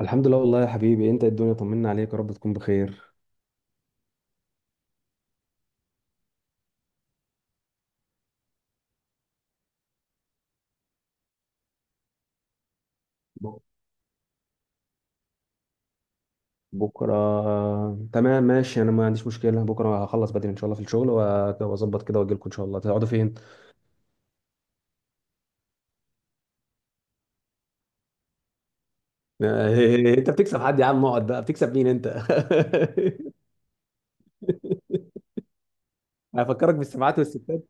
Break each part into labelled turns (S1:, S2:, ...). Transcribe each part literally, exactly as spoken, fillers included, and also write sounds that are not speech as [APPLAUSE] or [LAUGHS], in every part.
S1: الحمد لله والله يا حبيبي. انت إيه الدنيا؟ طمنا عليك يا رب تكون بخير. ب- بكره تمام ماشي. انا ما عنديش مشكله، بكره هخلص بدري ان شاء الله في الشغل وأ- واظبط كده واجي لكم ان شاء الله. تقعدوا فين؟ [LAUGHS] انت بتكسب حد يا عم؟ اقعد بقى، بتكسب مين انت؟ [LAUGHS] هفكرك بالسبعات والستات.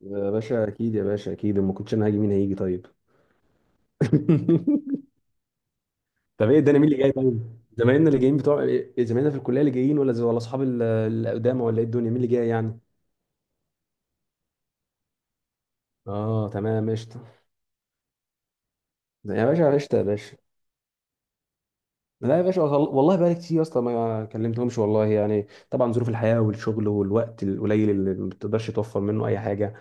S1: يا باشا اكيد، يا باشا اكيد، ما كنتش انا هاجي. مين هيجي طيب؟ [LAUGHS] طب ايه الدنيا، مين اللي جاي طيب؟ زمايلنا اللي جايين بتوع إيه، زمايلنا في الكليه اللي جايين ولا ولا اصحاب ال- القدامى ولا ايه الدنيا، مين اللي جاي يعني؟ اه تمام قشطه، يا باشا قشطه يا باشا. لا يا باشا، وصل... والله بقالي كتير يا اسطى ما كلمتهمش والله، يعني طبعا ظروف الحياه والشغل والوقت القليل اللي ما بتقدرش توفر منه اي حاجه.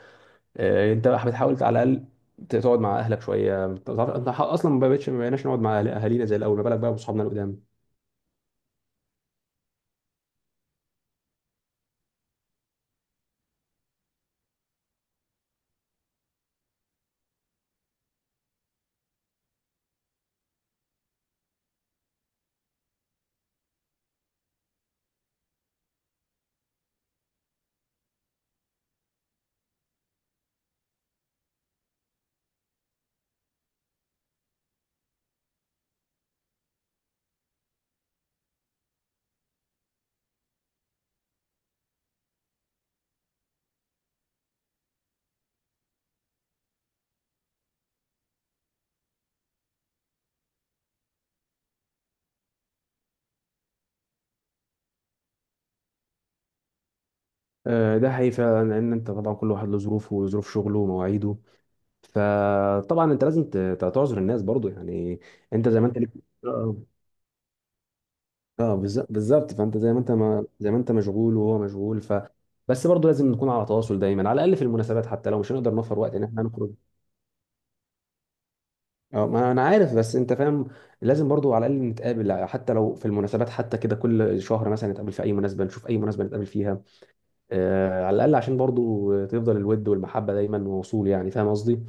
S1: آه، انت بقى بتحاول على الاقل تقعد مع اهلك شويه. انت عارف- انت اصلا ما بقتش ما بقيناش نقعد مع أهل- اهالينا زي الاول، ما بالك بقى بصحابنا القدام. آه، ده حقيقي فعلا، لان انت طبعا كل واحد له ظروفه وظروف شغله ومواعيده. فطبعا انت لازم ت- ت- تعذر الناس برضو يعني. انت زي ما انت ليك. آه. اه بالز- بالظبط، فانت زي ما انت، ما زي ما انت مشغول وهو مشغول ف بس برضه لازم نكون على تواصل دايما، على الاقل في المناسبات، حتى لو مش هنقدر نوفر وقت ان احنا نخرج. اه ما انا عارف، بس انت فاهم لازم برضه على الاقل نتقابل، حتى لو في المناسبات، حتى كده كل شهر مثلا نتقابل في اي مناسبه، نشوف اي مناسبه نتقابل فيها. آه على الاقل عشان برضه تفضل الود والمحبه دايما موصول، يعني فاهم قصدي.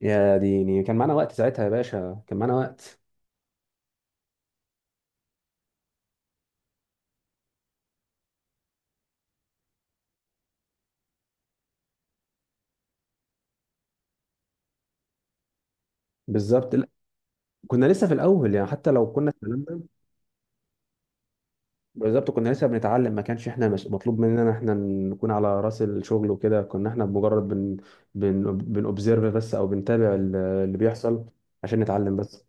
S1: يا ديني كان معانا وقت ساعتها يا باشا، كان معانا وقت. بالظبط لا، كنا لسه في الاول يعني حتى لو كنا اتكلمنا. بالظبط كنا لسه بنتعلم، ما كانش احنا مش مطلوب مننا احنا نكون على راس الشغل وكده، كنا احنا بمجرد بن بن بنوبزرف بس او بنتابع ال- اللي بيحصل عشان نتعلم بس.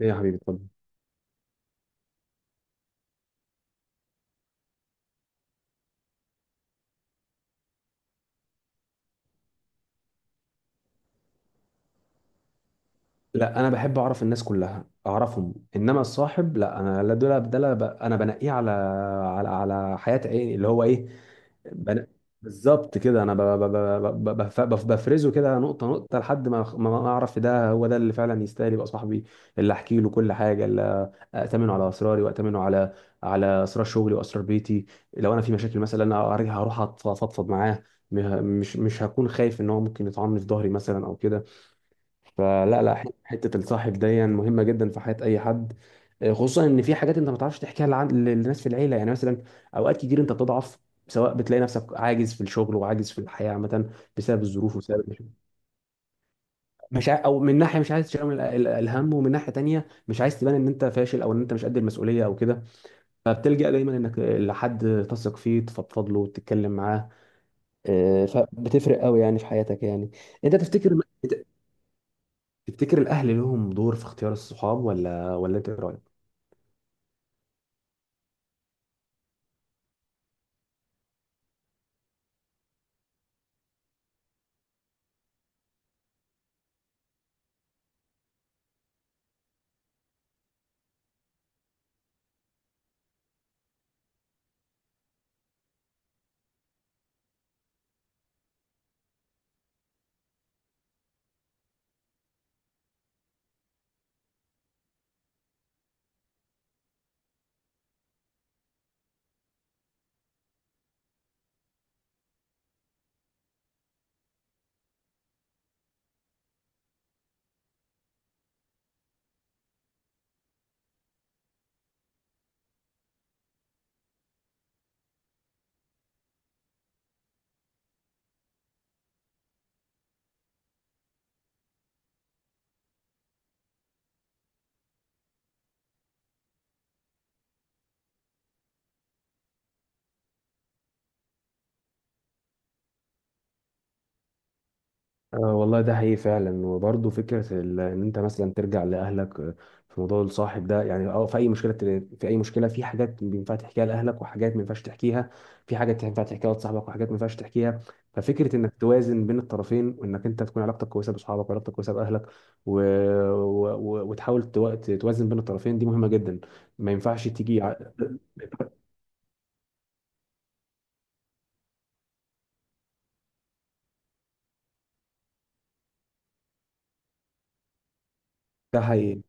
S1: ايه يا حبيبي اتفضل. لا انا بحب اعرف الناس كلها اعرفهم، انما الصاحب لا، انا لا دول ده لا، ب- انا بنقيه على على على حياة ايه اللي هو ايه. بن... بالظبط كده، انا ب... ب... ب... ب... بف- بف- بفرزه كده نقطه نقطه لحد ما ما ما اعرف ده هو ده اللي فعلا يستاهل يبقى صاحبي، اللي احكي له كل حاجه، أأتمنه على أسراري وأأتمنه على على أسرار شغلي وأسرار بيتي. لو أنا في مشاكل مثلا أنا هرجع- هروح أفضفض معاه. مه- مش مش هكون خايف إن هو ممكن يطعني في ظهري مثلا أو كده. فلا لا ح- حتة الصاحب دي مهمة جدا في حياة أي حد. آه، خصوصا إن في حاجات أنت ما تعرفش تحكيها لعن- للناس في العيلة يعني. مثلا أوقات كتير أنت بتضعف، سواء بتلاقي نفسك عاجز في الشغل وعاجز في الحياة عامة بسبب الظروف وبسبب مش ع- او من ناحيه مش عايز تشيل ال- ال- الهم، ومن ناحيه تانية مش عايز تبان ان انت فاشل او ان انت مش قد المسؤوليه او كده. فبتلجأ دايما انك لحد تثق فيه تفضفض له وتتكلم معاه. آه، فبتفرق قوي يعني في حياتك يعني. انت تفتكر، انت تفتكر الاهل لهم دور في اختيار الصحاب ولا ولا انت إيه رايك؟ آه والله ده حقيقي فعلا. وبرضه فكرة ال- إن أنت مثلا ترجع لأهلك، آه، في موضوع الصاحب ده، يعني أه في أي مشكلة، في أي مشكلة، في حاجات ينفع تحكيها لأهلك وحاجات ما ينفعش تحكيها، في حاجات ينفع تحكيها لصاحبك وحاجات ما ينفعش تحكيها. ففكرة إنك توازن بين الطرفين، وإنك أنت تكون علاقتك كويسة بأصحابك وعلاقتك كويسة بأهلك، و... و... و- وتحاول تو- توازن بين الطرفين، دي مهمة جدا. ما ينفعش تيجي ع- ده هي...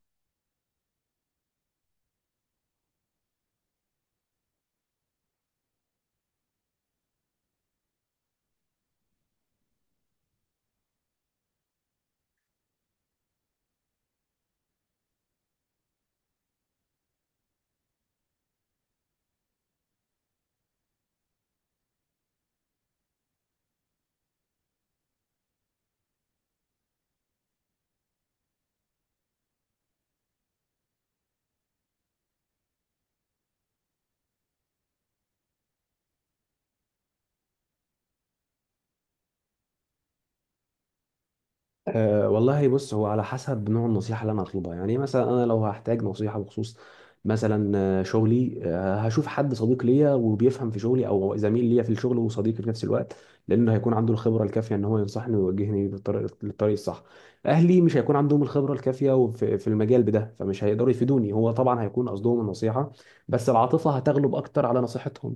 S1: أه والله بص، هو على حسب نوع النصيحة اللي أنا هطلبها يعني. إيه مثلا أنا لو هحتاج نصيحة بخصوص مثلا آه، شغلي، آه، هشوف حد صديق ليا وبيفهم في شغلي أو زميل ليا في الشغل وصديقي في نفس الوقت، لأنه هيكون عنده الخبرة الكافية إن هو ينصحني ويوجهني بالطريق للطريق الصح. أهلي مش هيكون عندهم الخبرة الكافية وفي- في المجال بده، فمش هيقدروا يفيدوني. هو طبعا هيكون قصدهم النصيحة، بس العاطفة هتغلب أكتر على نصيحتهم.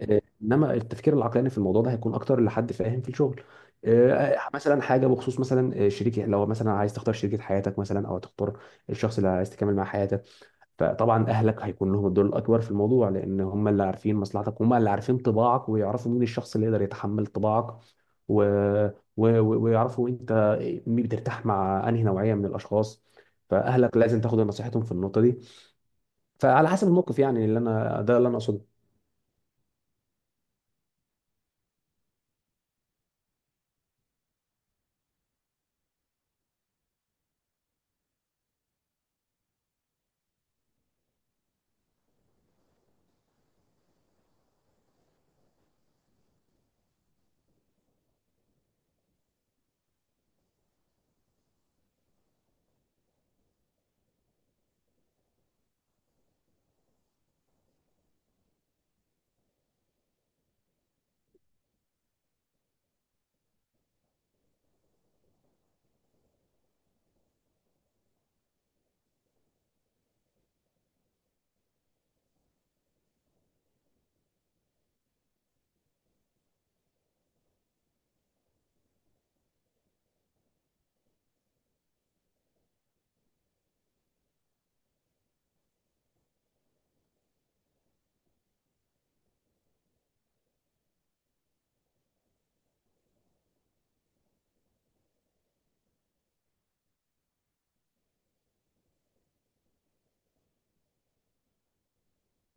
S1: آه، انما التفكير العقلاني في الموضوع ده هيكون اكتر لحد فاهم في الشغل. آه، مثلا حاجه بخصوص مثلا آه، شريك، لو مثلا عايز تختار شريكه حياتك مثلا او تختار الشخص اللي عايز تكمل معاه حياتك، فطبعا اهلك هيكون لهم الدور الاكبر في الموضوع، لان هم اللي عارفين مصلحتك، هم اللي عارفين طباعك، ويعرفوا مين الشخص اللي يقدر يتحمل طباعك، و... و... و- ويعرفوا انت بترتاح مع انهي نوعيه من الاشخاص. فاهلك لازم تاخد نصيحتهم في النقطه دي. فعلى حسب الموقف يعني، اللي انا ده اللي انا اقصده.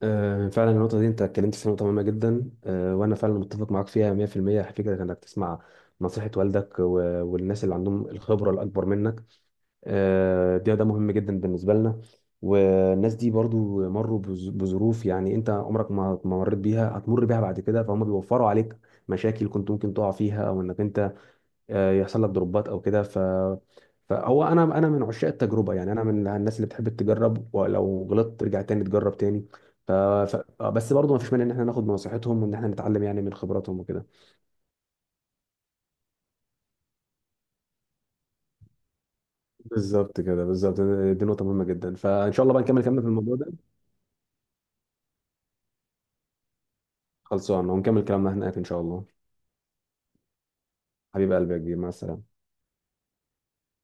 S1: آه، فعلا النقطة دي أنت اتكلمت في نقطة مهمة جدا. آه، وأنا فعلا متفق معاك فيها مية في المية فكرة إنك تسمع نصيحة والدك و- والناس اللي عندهم الخبرة الأكبر منك. آه، ده ده مهم جدا بالنسبة لنا. والناس دي برضو مروا بظ- بظروف، يعني أنت عمرك ما ما مريت بيها هتمر بيها بعد كده، فهم بيوفروا عليك مشاكل كنت ممكن تقع فيها، أو إنك أنت آه، يحصل لك دروبات او كده ف فهو انا انا من عشاق التجربه يعني، انا من الناس اللي بتحب تجرب ولو غلطت ترجع تاني تجرب تاني. ف... ف... آه، بس برضه ما فيش مانع ان احنا ناخد بنصيحتهم وان احنا نتعلم يعني من خبراتهم وكده. بالظبط كده، بالظبط. دي نقطه مهمه جدا، فان شاء الله بقى نكمل كلامنا في الموضوع ده. خلصان، ونكمل كلامنا هناك ان شاء الله. حبيب قلبي يا كبير، مع السلامه.